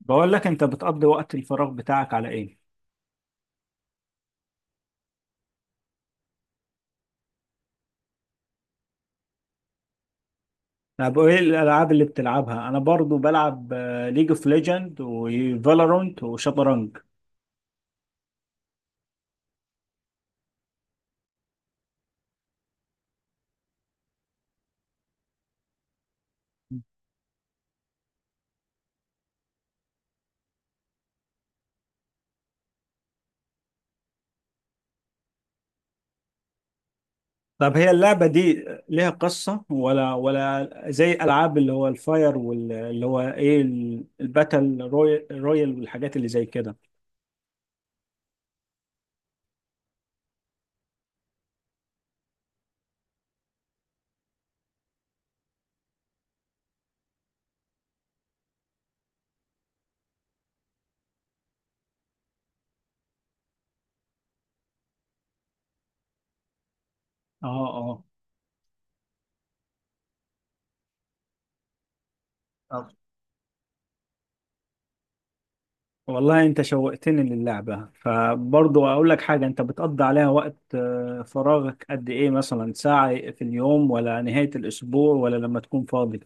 بقول لك انت بتقضي وقت الفراغ بتاعك على ايه؟ طب ايه الالعاب اللي بتلعبها؟ انا برضو بلعب ليج اوف ليجند وفالورانت وشطرنج. طب هي اللعبة دي ليها قصة، ولا زي العاب اللي هو الفاير، واللي هو ايه الباتل رويال والحاجات اللي زي كده؟ اه، اه. والله انت شوقتني للعبة، فبرضه اقول لك حاجة، انت بتقضي عليها وقت فراغك قد ايه؟ مثلا ساعة في اليوم، ولا نهاية الاسبوع، ولا لما تكون فاضي؟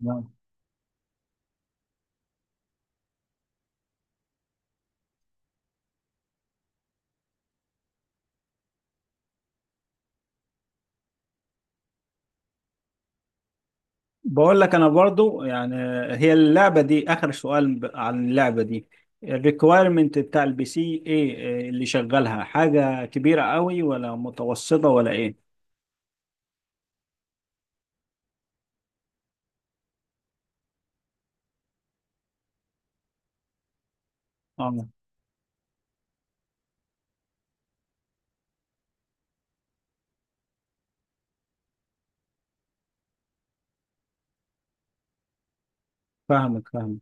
نعم. بقول لك انا برضو يعني، هي اللعبة دي اخر سؤال عن اللعبة دي، الريكويرمنت بتاع البي سي ايه، اللي شغالها حاجة كبيرة قوي، ولا متوسطة، ولا ايه؟ آه. فاهمك، فاهمك.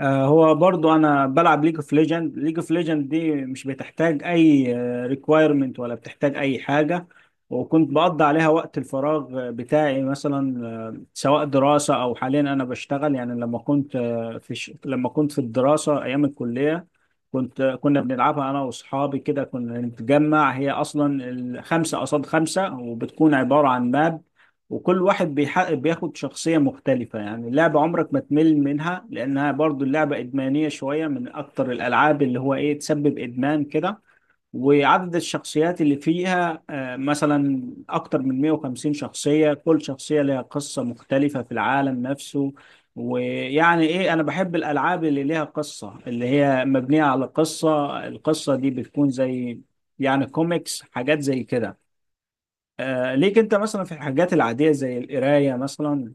هو برضو انا بلعب ليج اوف ليجند. ليج اوف ليجند دي مش بتحتاج اي ريكويرمنت، ولا بتحتاج اي حاجه. وكنت بقضي عليها وقت الفراغ بتاعي مثلا، سواء دراسه، او حاليا انا بشتغل. يعني لما كنت في الدراسه ايام الكليه، كنت آه، كنا بنلعبها انا واصحابي كده، كنا نتجمع. هي اصلا خمسه قصاد خمسه، وبتكون عباره عن ماب، وكل واحد بيحقق، بياخد شخصية مختلفة. يعني اللعبة عمرك ما تمل منها، لأنها برضو اللعبة إدمانية شوية، من أكتر الألعاب اللي هو إيه، تسبب إدمان كده. وعدد الشخصيات اللي فيها مثلا أكتر من 150 شخصية، كل شخصية لها قصة مختلفة في العالم نفسه. ويعني إيه، أنا بحب الألعاب اللي ليها قصة، اللي هي مبنية على قصة. القصة دي بتكون زي يعني كوميكس، حاجات زي كده. ليك انت مثلا في الحاجات العادية زي القراية مثلا؟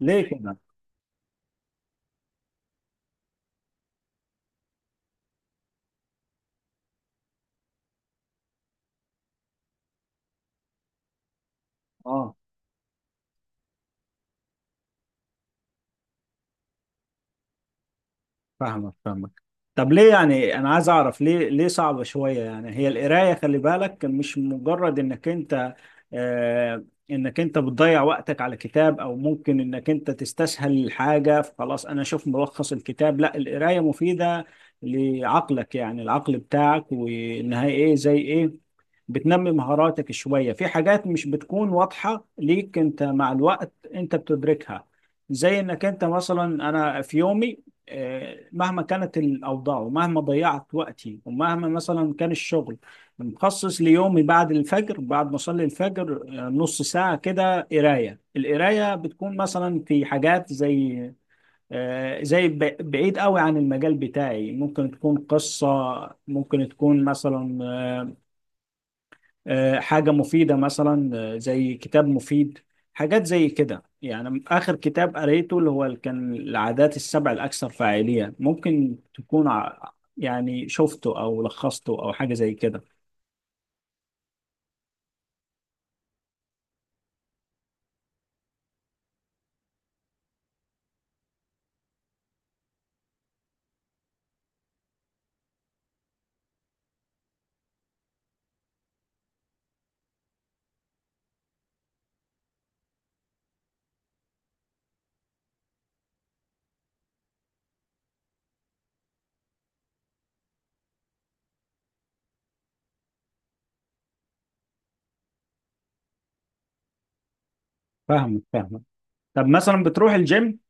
ليه كده؟ اه، فاهمك فاهمك. طب ليه؟ يعني انا عايز اعرف ليه صعبة شوية؟ يعني هي القراية، خلي بالك مش مجرد آه انك انت بتضيع وقتك على كتاب، او ممكن انك انت تستسهل الحاجة فخلاص انا اشوف ملخص الكتاب. لا، القراية مفيدة لعقلك، يعني العقل بتاعك، وانها ايه، زي ايه، بتنمي مهاراتك شوية في حاجات مش بتكون واضحة ليك انت، مع الوقت انت بتدركها. زي انك انت مثلا، انا في يومي، مهما كانت الأوضاع، ومهما ضيعت وقتي، ومهما مثلا كان الشغل، مخصص ليومي بعد الفجر، بعد ما أصلي الفجر، نص ساعة كده قراية. القراية بتكون مثلا في حاجات زي بعيد قوي عن المجال بتاعي، ممكن تكون قصة، ممكن تكون مثلا حاجة مفيدة، مثلا زي كتاب مفيد، حاجات زي كده. يعني آخر كتاب قريته اللي هو كان العادات السبع الأكثر فاعلية، ممكن تكون يعني شفته أو لخصته أو حاجة زي كده. فاهمك فاهمك. طب مثلا بتروح الجيم؟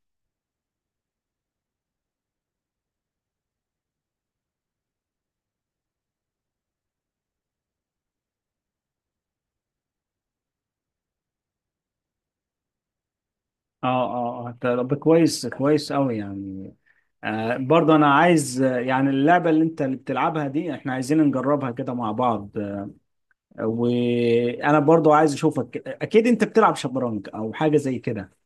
اه. اه، اه، طب كويس كويس قوي يعني. برضه انا عايز، يعني اللعبه اللي بتلعبها دي احنا عايزين نجربها كده مع بعض. وانا برضه عايز اشوفك، اكيد انت بتلعب شطرنج او حاجه زي كده.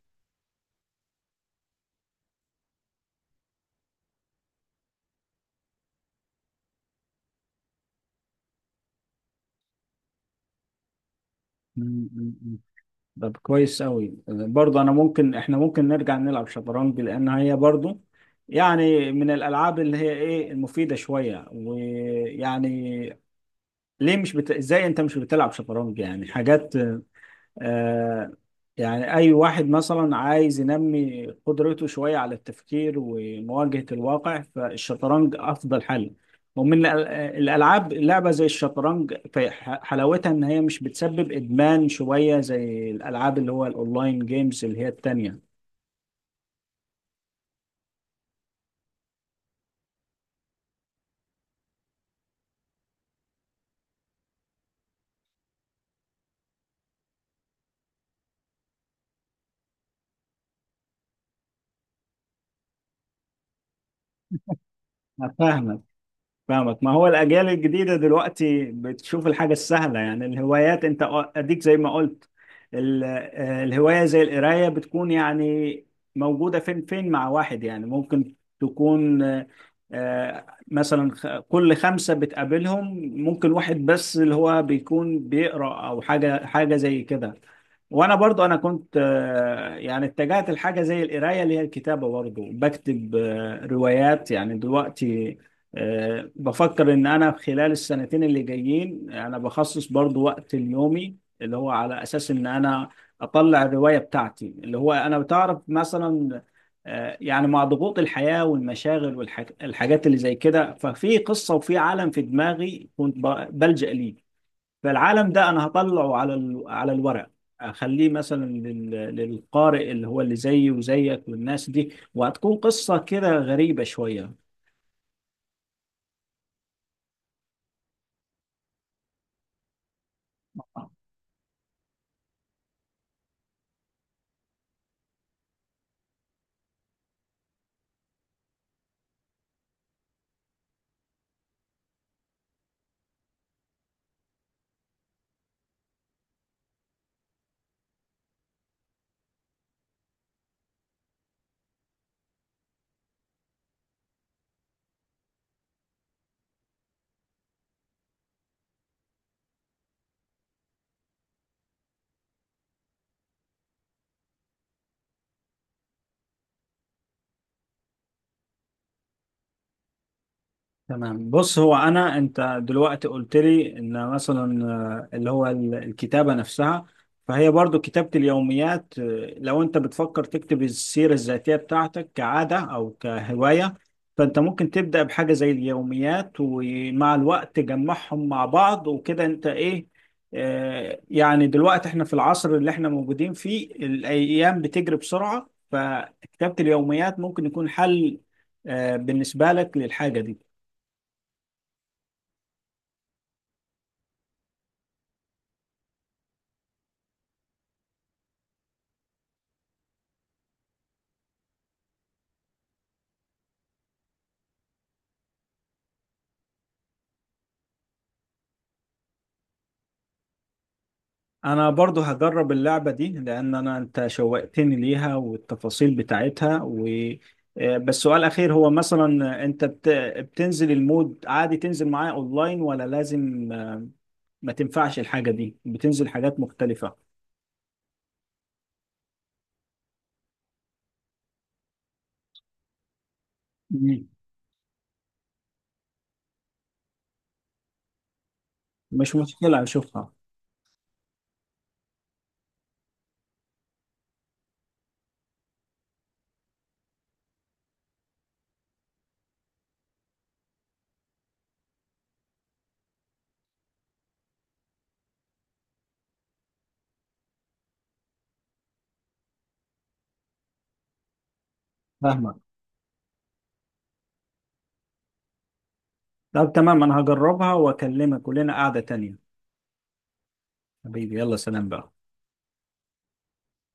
مم، مم، مم. طب كويس أوي برضه. أنا ممكن إحنا ممكن نرجع نلعب شطرنج، لأن هي برضه يعني من الألعاب اللي هي إيه، المفيدة شوية. ويعني ليه مش بت... إزاي أنت مش بتلعب شطرنج؟ يعني حاجات، آه يعني أي واحد مثلا عايز ينمي قدرته شوية على التفكير ومواجهة الواقع، فالشطرنج أفضل حل. ومن الأل- الألعاب لعبة زي الشطرنج، في حلاوتها إن هي مش بتسبب إدمان شوية زي الألعاب اللي هو الأونلاين جيمز اللي هي التانية. فاهمك فاهمك. ما هو الأجيال الجديدة دلوقتي بتشوف الحاجة السهلة، يعني الهوايات أنت أديك زي ما قلت، الهواية زي القراية بتكون يعني موجودة فين فين مع واحد، يعني ممكن تكون آه، مثلا كل خمسة بتقابلهم، ممكن واحد بس اللي هو بيكون بيقرأ، أو حاجة حاجة زي كده. وانا برضو انا كنت يعني اتجهت لحاجه زي القرايه، اللي هي الكتابه، برضو بكتب روايات يعني دلوقتي. بفكر ان انا في خلال السنتين اللي جايين انا بخصص برضو وقت اليومي، اللي هو على اساس ان انا اطلع الرواية بتاعتي، اللي هو انا بتعرف مثلا. يعني مع ضغوط الحياة والمشاغل والحاجات اللي زي كده، ففي قصة وفي عالم في دماغي كنت بلجأ ليه، فالعالم ده انا هطلعه على على الورق، اخليه مثلا للقارئ اللي هو اللي زيي وزيك والناس دي، وهتكون قصة كده غريبة شوية. تمام، بص، هو انا انت دلوقتي قلت لي ان مثلا اللي هو الكتابه نفسها، فهي برضو كتابه اليوميات. لو انت بتفكر تكتب السيره الذاتيه بتاعتك كعاده او كهوايه، فانت ممكن تبدا بحاجه زي اليوميات، ومع الوقت تجمعهم مع بعض وكده انت ايه. يعني دلوقتي احنا في العصر اللي احنا موجودين فيه، الايام بتجري بسرعه، فكتابه اليوميات ممكن يكون حل بالنسبه لك للحاجه دي. انا برضو هجرب اللعبة دي، لان انت شوقتني ليها والتفاصيل بتاعتها، و آه، بس سؤال اخير، هو مثلا بتنزل المود عادي، تنزل معايا اونلاين، ولا لازم ما تنفعش الحاجة دي، بتنزل حاجات مختلفة؟ مم. مش مشكلة اشوفها. فاهمك. طب تمام، انا هجربها واكلمك، ولنا قعدة تانية. حبيبي، يلا، سلام بقى.